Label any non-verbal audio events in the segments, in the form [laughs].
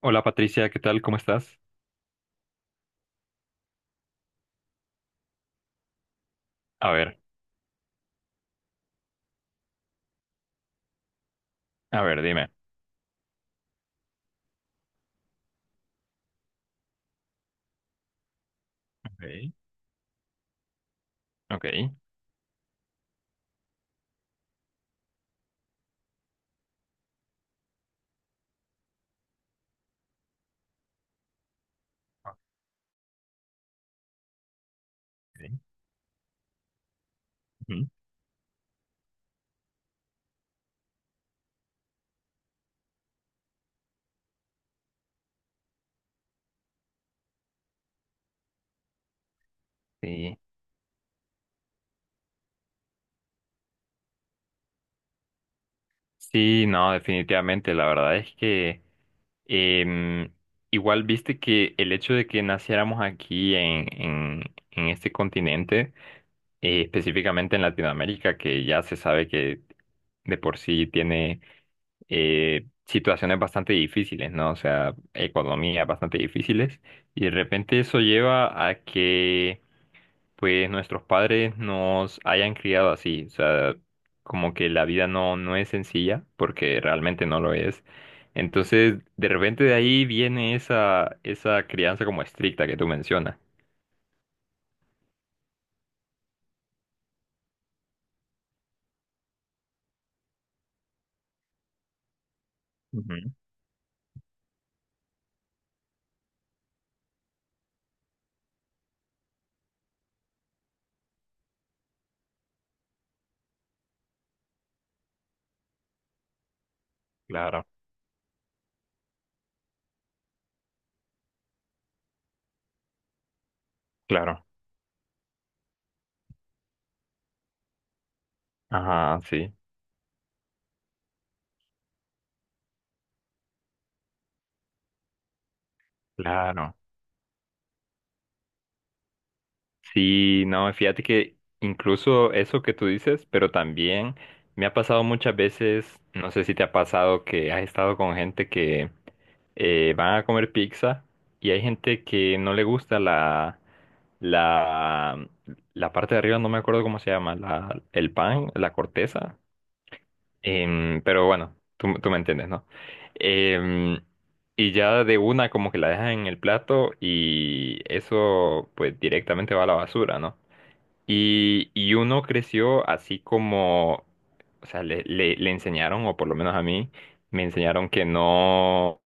Hola Patricia, ¿qué tal? ¿Cómo estás? A ver, a ver, dime. Okay, okay, ok, ujú. Sí. Sí, no, definitivamente. La verdad es que em, igual viste que el hecho de que naciéramos aquí en en este continente específicamente en Latinoamérica, que ya se sabe que de por sí tiene situaciones bastante difíciles, ¿no? O sea, economías bastante difíciles, y de repente eso lleva a que, pues, nuestros padres nos hayan criado así, o sea, como que la vida no es sencilla, porque realmente no lo es. Entonces, de repente de ahí viene esa crianza como estricta que tú mencionas. Ujú. Claro, claro. Ajá, sí. Claro, sí, no, fíjate que incluso eso que tú dices, pero también me ha pasado muchas veces, no sé si te ha pasado que has estado con gente que van a comer pizza y hay gente que no le gusta la, la parte de arriba, no me acuerdo cómo se llama, la, el pan, la corteza. Pero bueno, tú me entiendes, ¿no? Em, y ya de una como que la dejan en el plato y eso pues directamente va a la basura, ¿no? Y uno creció así como, o sea, le enseñaron, o por lo menos a mí, me enseñaron que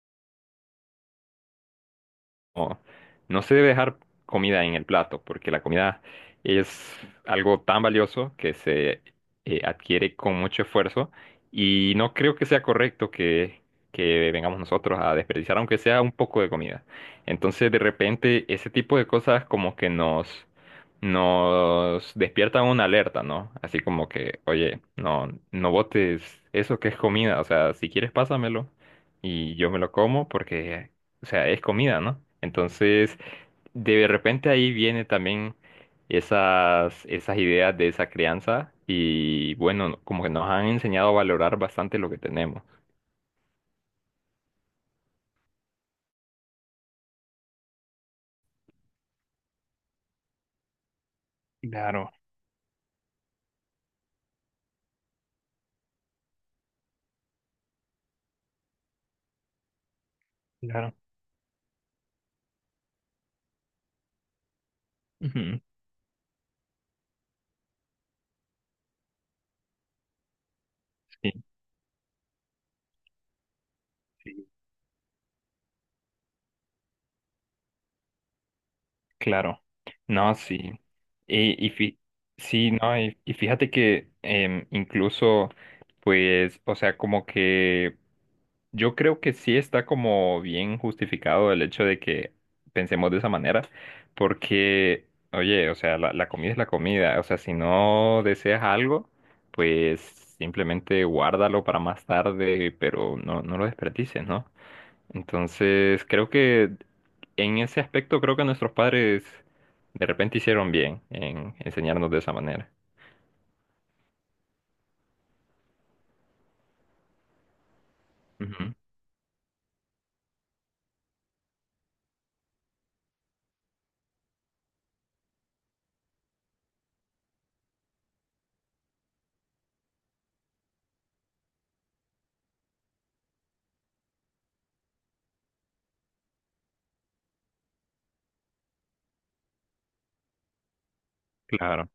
no, no se debe dejar comida en el plato, porque la comida es algo tan valioso que se adquiere con mucho esfuerzo y no creo que sea correcto que vengamos nosotros a desperdiciar, aunque sea un poco de comida. Entonces, de repente, ese tipo de cosas como que nos despiertan una alerta, ¿no? Así como que, oye, no, no botes eso que es comida, o sea, si quieres pásamelo y yo me lo como porque, o sea, es comida, ¿no? Entonces, de repente ahí viene también esas ideas de esa crianza y bueno, como que nos han enseñado a valorar bastante lo que tenemos. Claro, claro. Ujú. Sí, sí, claro. No, sí. Y, y fi- sí, no, y fíjate que incluso, pues, o sea, como que yo creo que sí está como bien justificado el hecho de que pensemos de esa manera, porque, oye, o sea, la comida es la comida, o sea, si no deseas algo, pues simplemente guárdalo para más tarde, pero no, no lo desperdicies, ¿no? Entonces, creo que en ese aspecto, creo que nuestros padres de repente hicieron bien en enseñarnos de esa manera. Ujú. Claro,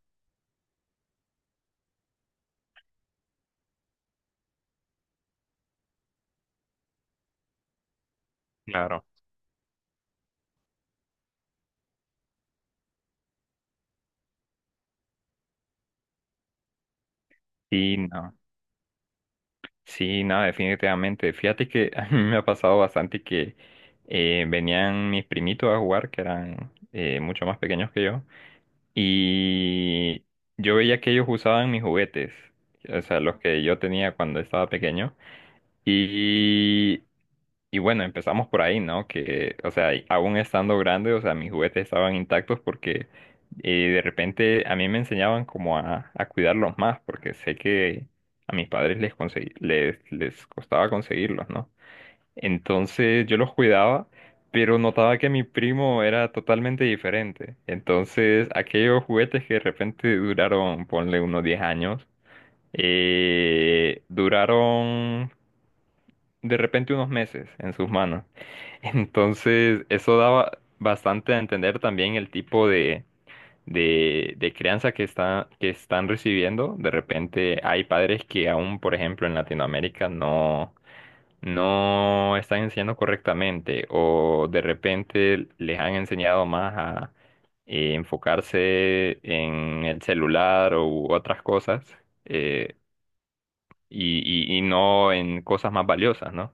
claro. Sí, no. Sí, nada definitivamente. Fíjate que [laughs] a mí me ha pasado bastante que venían mis primitos a jugar, que eran mucho más pequeños que yo, y yo veía que ellos usaban mis juguetes, o sea, los que yo tenía cuando estaba pequeño, y y bueno, empezamos por ahí, ¿no? Que, o sea, y aún estando grande, o sea, mis juguetes estaban intactos porque de repente a mí me enseñaban como a cuidarlos más, porque sé que a mis padres les costaba conseguirlos, ¿no? Entonces yo los cuidaba, pero notaba que mi primo era totalmente diferente. Entonces aquellos juguetes que de repente duraron, ponle unos 10 años, duraron de repente unos meses en sus manos. Entonces, eso daba bastante a entender también el tipo de crianza que que están recibiendo. De repente hay padres que aún, por ejemplo, en Latinoamérica no están enseñando correctamente o de repente les han enseñado más a enfocarse en el celular u otras cosas eh, y no en cosas más valiosas, ¿no?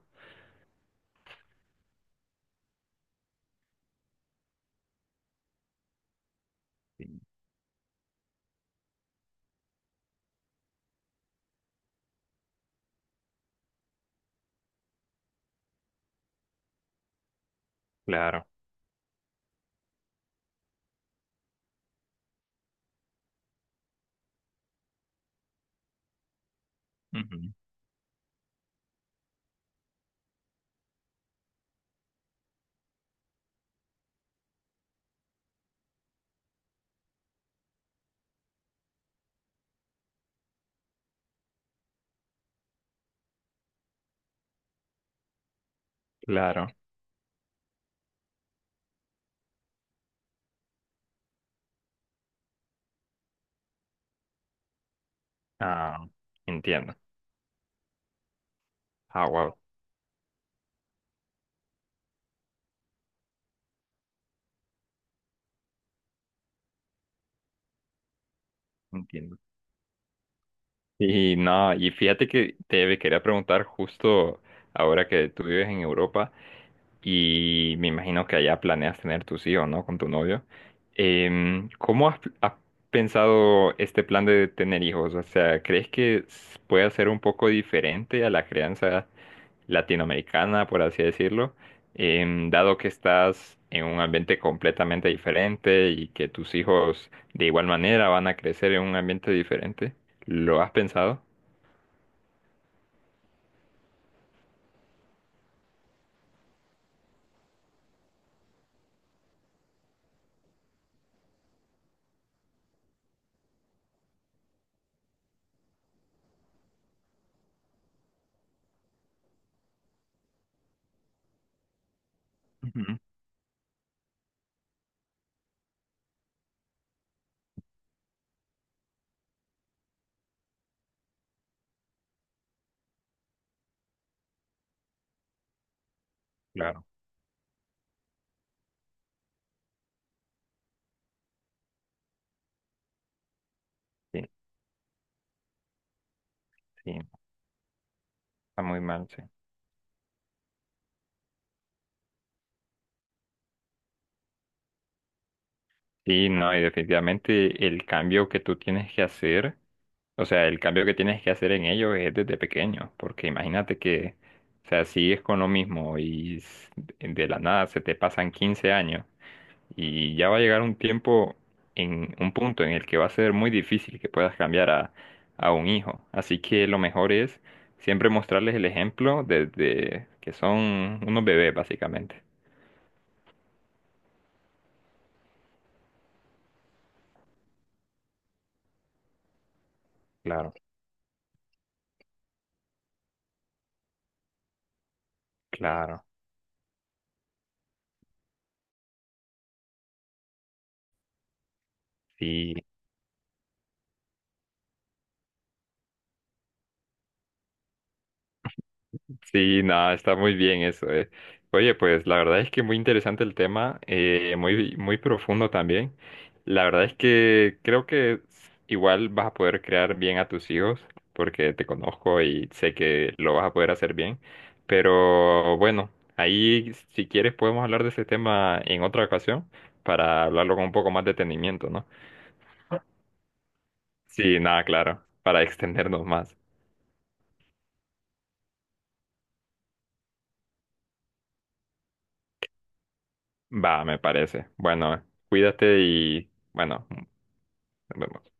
Claro, ujú, claro. Ah, entiendo. Ah, wow, entiendo. Y no, y fíjate que te quería preguntar justo ahora que tú vives en Europa y me imagino que allá planeas tener tus hijos, ¿no? Con tu novio. ¿Cómo has pensado este plan de tener hijos? O sea, ¿crees que s- pueda ser un poco diferente a la crianza latinoamericana, por así decirlo, dado que estás en un ambiente completamente diferente y que tus hijos de igual manera van a crecer en un ambiente diferente? ¿Lo has pensado? Ujú. Claro. Sí, sí, está muy mal, sí. Sí, no, y definitivamente el cambio que tú tienes que hacer, o sea, el cambio que tienes que hacer en ellos es desde pequeño, porque imagínate que, o sea, sigues con lo mismo y s- de la nada se te pasan 15 años. Y ya va a llegar un tiempo, en un punto en el que va a ser muy difícil que puedas cambiar a un hijo. Así que lo mejor es siempre mostrarles el ejemplo desde que son unos bebés, básicamente. Claro, claro. Sí, sí, nada, está muy bien eso. Eh, oye, pues la verdad es que muy interesante el tema, muy profundo también. La verdad es que creo que igual vas a poder crear bien a tus hijos, porque te conozco y sé que lo vas a poder hacer bien. Pero bueno, ahí si quieres podemos hablar de ese tema en otra ocasión para hablarlo con un poco más detenimiento, ¿no? Sí, nada, claro, para [laughs] extendernos más. Va, me parece. Bueno, cuídate y bueno, nos vemos.